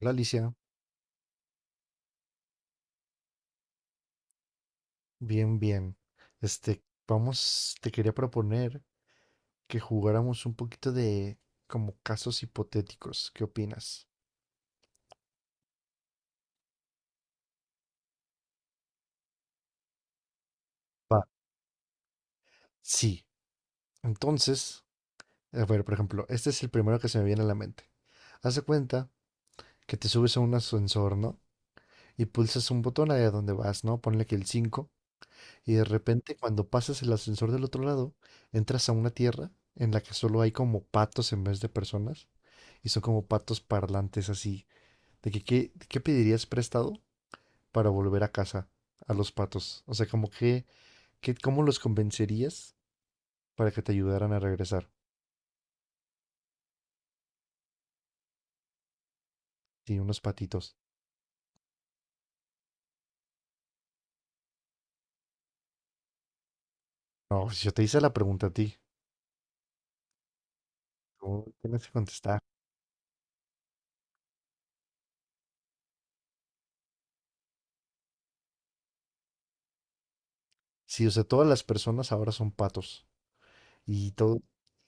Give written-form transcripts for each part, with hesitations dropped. Hola Alicia, bien, bien. Este, Vamos, te quería proponer que jugáramos un poquito de como casos hipotéticos. ¿Qué opinas? Va. Sí. Entonces, a ver, por ejemplo, este es el primero que se me viene a la mente. Haz de cuenta que te subes a un ascensor, ¿no? Y pulsas un botón ahí a donde vas, ¿no? Ponle que el 5. Y de repente, cuando pasas el ascensor del otro lado, entras a una tierra en la que solo hay como patos en vez de personas. Y son como patos parlantes así de que qué pedirías prestado para volver a casa a los patos. O sea, ¿cómo los convencerías para que te ayudaran a regresar? Sí, unos patitos. No, si yo te hice la pregunta a ti, tú tienes que contestar. Sí, o sea, todas las personas ahora son patos y todo,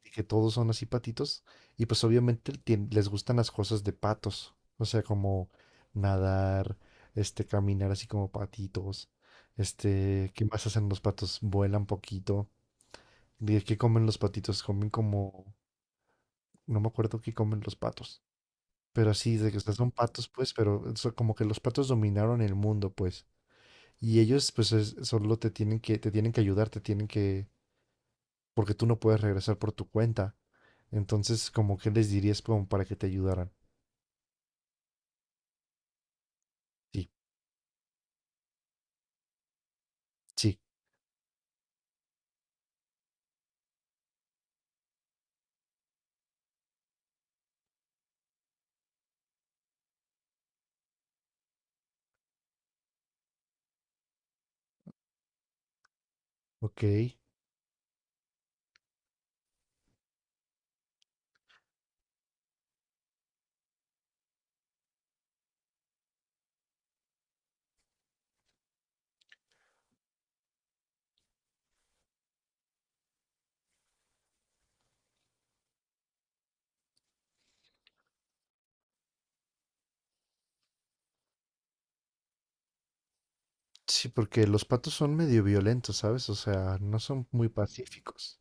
y que todos son así patitos y pues obviamente les gustan las cosas de patos. O sea, como nadar, caminar así como patitos. ¿Qué más hacen los patos? Vuelan poquito. Dije, ¿qué comen los patitos? Comen como, no me acuerdo qué comen los patos, pero así, de que estas son patos, pues, pero eso como que los patos dominaron el mundo, pues. Y ellos, pues, solo te tienen que ayudar, te tienen que, porque tú no puedes regresar por tu cuenta. Entonces, como que les dirías como para que te ayudaran. Sí, sí, ok. Sí, porque los patos son medio violentos, ¿sabes? O sea, no son muy pacíficos.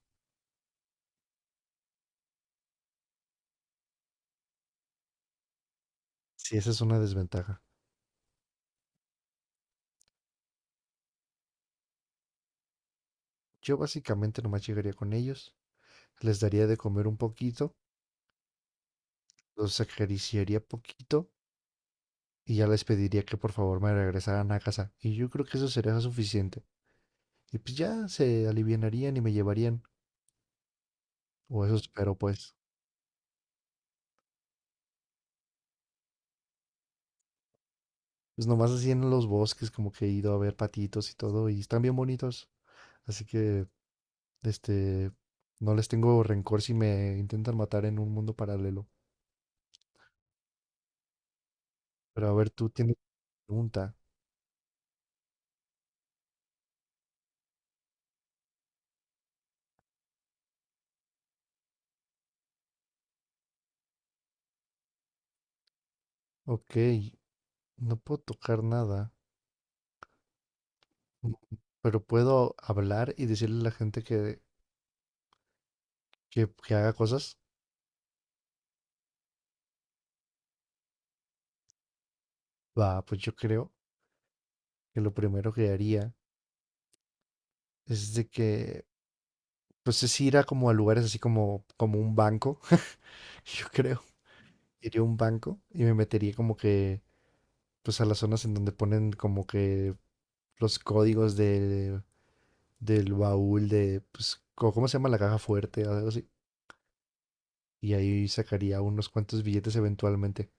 Sí, esa es una desventaja. Yo básicamente nomás llegaría con ellos, les daría de comer un poquito, los acariciaría poquito y ya les pediría que por favor me regresaran a casa. Y yo creo que eso sería suficiente. Y pues ya se alivianarían y me llevarían. O eso espero, pues. Pues nomás así en los bosques, como que he ido a ver patitos y todo, y están bien bonitos. Así que, este, no les tengo rencor si me intentan matar en un mundo paralelo. Pero a ver, tú tienes pregunta. Ok, no puedo tocar nada, mm, pero puedo hablar y decirle a la gente que haga cosas. Va, pues yo creo que lo primero que haría es de que, pues es ir a como a lugares así como, como un banco, yo creo. Iría a un banco y me metería como que, pues a las zonas en donde ponen como que los códigos de, del baúl de, pues, ¿cómo se llama la caja fuerte? Algo así. Y ahí sacaría unos cuantos billetes eventualmente.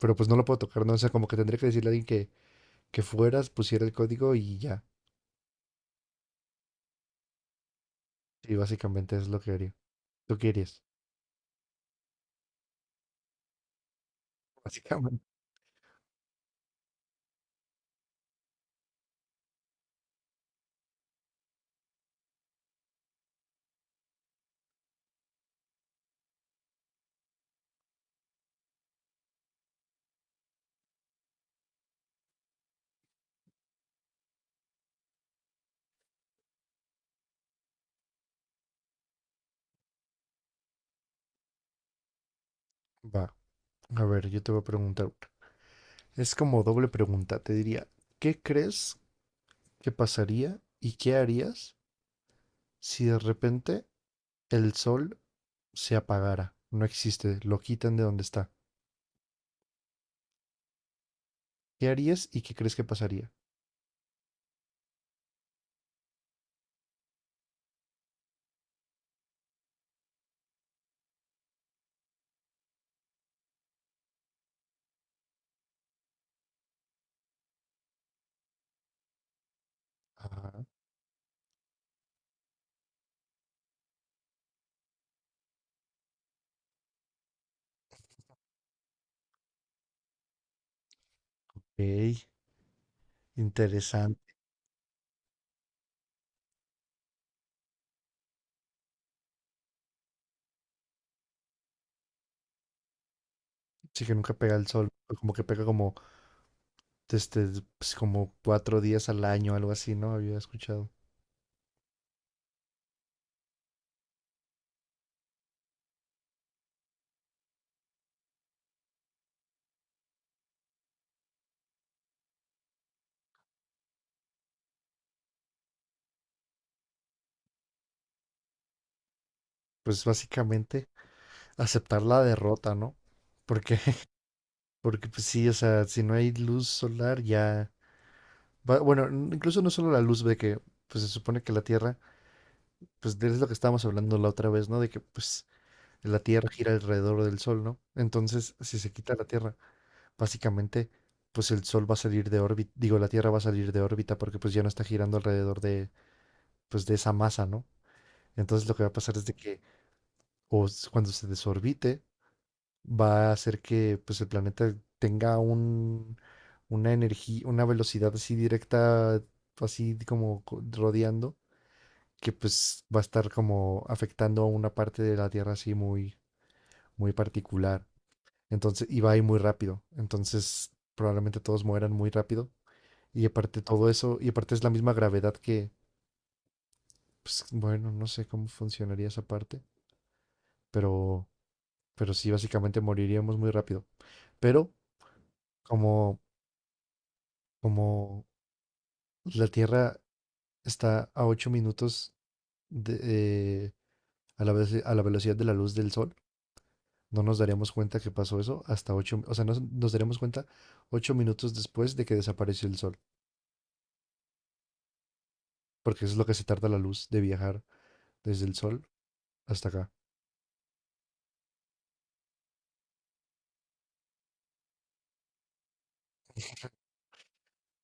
Pero pues no lo puedo tocar, ¿no? O sea, como que tendría que decirle a alguien que fueras, pusiera el código y ya. Y básicamente es lo que haría. ¿Tú qué harías? Básicamente. Va. A ver, yo te voy a preguntar una. Es como doble pregunta, te diría, ¿qué crees que pasaría y qué harías si de repente el sol se apagara? No existe, lo quitan de donde está. ¿Qué harías y qué crees que pasaría? Ah, ok, interesante. Sí que nunca pega el sol, pero como que pega como este, pues, como 4 días al año, algo así, ¿no? Había escuchado. Pues básicamente aceptar la derrota, ¿no? Porque, porque pues sí, o sea, si no hay luz solar ya Bueno, incluso no solo la luz de que, pues se supone que la Tierra, pues es lo que estábamos hablando la otra vez, ¿no? De que, pues, la Tierra gira alrededor del Sol, ¿no? Entonces, si se quita la Tierra, básicamente, pues el Sol va a salir de órbita, digo, la Tierra va a salir de órbita porque pues ya no está girando alrededor de, pues, de esa masa, ¿no? Entonces lo que va a pasar es de que, cuando se desorbite, va a hacer que, pues, el planeta tenga un, una energía, una velocidad así directa, así como rodeando que pues va a estar como afectando a una parte de la Tierra así muy, muy particular. Entonces, y va a ir muy rápido. Entonces, probablemente todos mueran muy rápido. Y aparte todo eso, y aparte es la misma gravedad que, pues, bueno, no sé cómo funcionaría esa parte, pero, pero sí, básicamente moriríamos muy rápido. Pero como, como la Tierra está a 8 minutos de, eh, a a la velocidad de la luz del Sol, no nos daríamos cuenta que pasó eso hasta ocho, o sea, nos daríamos cuenta 8 minutos después de que desapareció el sol, porque eso es lo que se tarda la luz de viajar desde el sol hasta acá.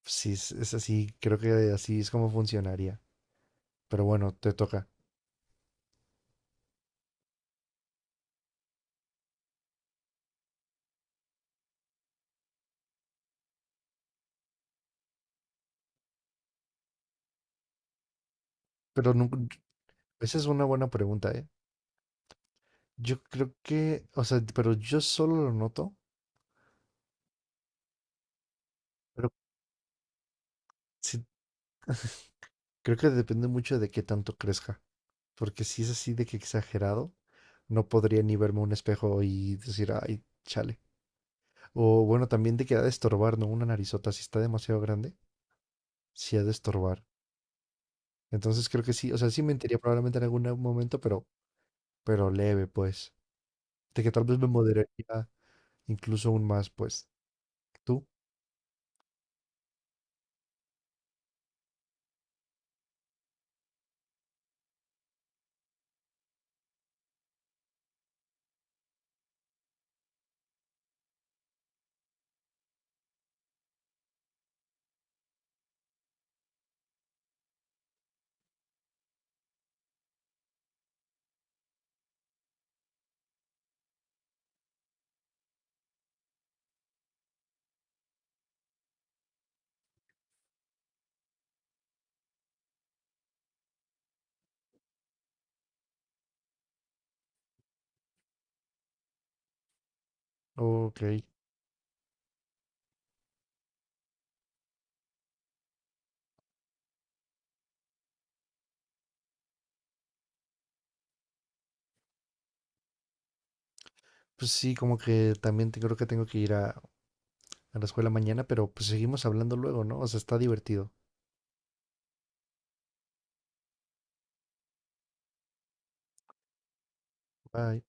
Sí, es así, creo que así es como funcionaría. Pero bueno, te toca. Pero nunca- Esa es una buena pregunta, ¿eh? Yo creo que, o sea, pero yo solo lo noto, pero sí, creo que depende mucho de qué tanto crezca, porque si es así de que exagerado, no podría ni verme un espejo y decir, ay, chale. O bueno, también de que ha de estorbar, ¿no? Una narizota, si está demasiado grande, sí ha de estorbar. Entonces creo que sí, o sea, sí mentiría probablemente en algún momento, pero leve, pues. De que tal vez me moderaría incluso aún más, pues. ¿Tú? Ok. Pues sí, como que también creo que tengo que ir a la escuela mañana, pero pues seguimos hablando luego, ¿no? O sea, está divertido. Bye.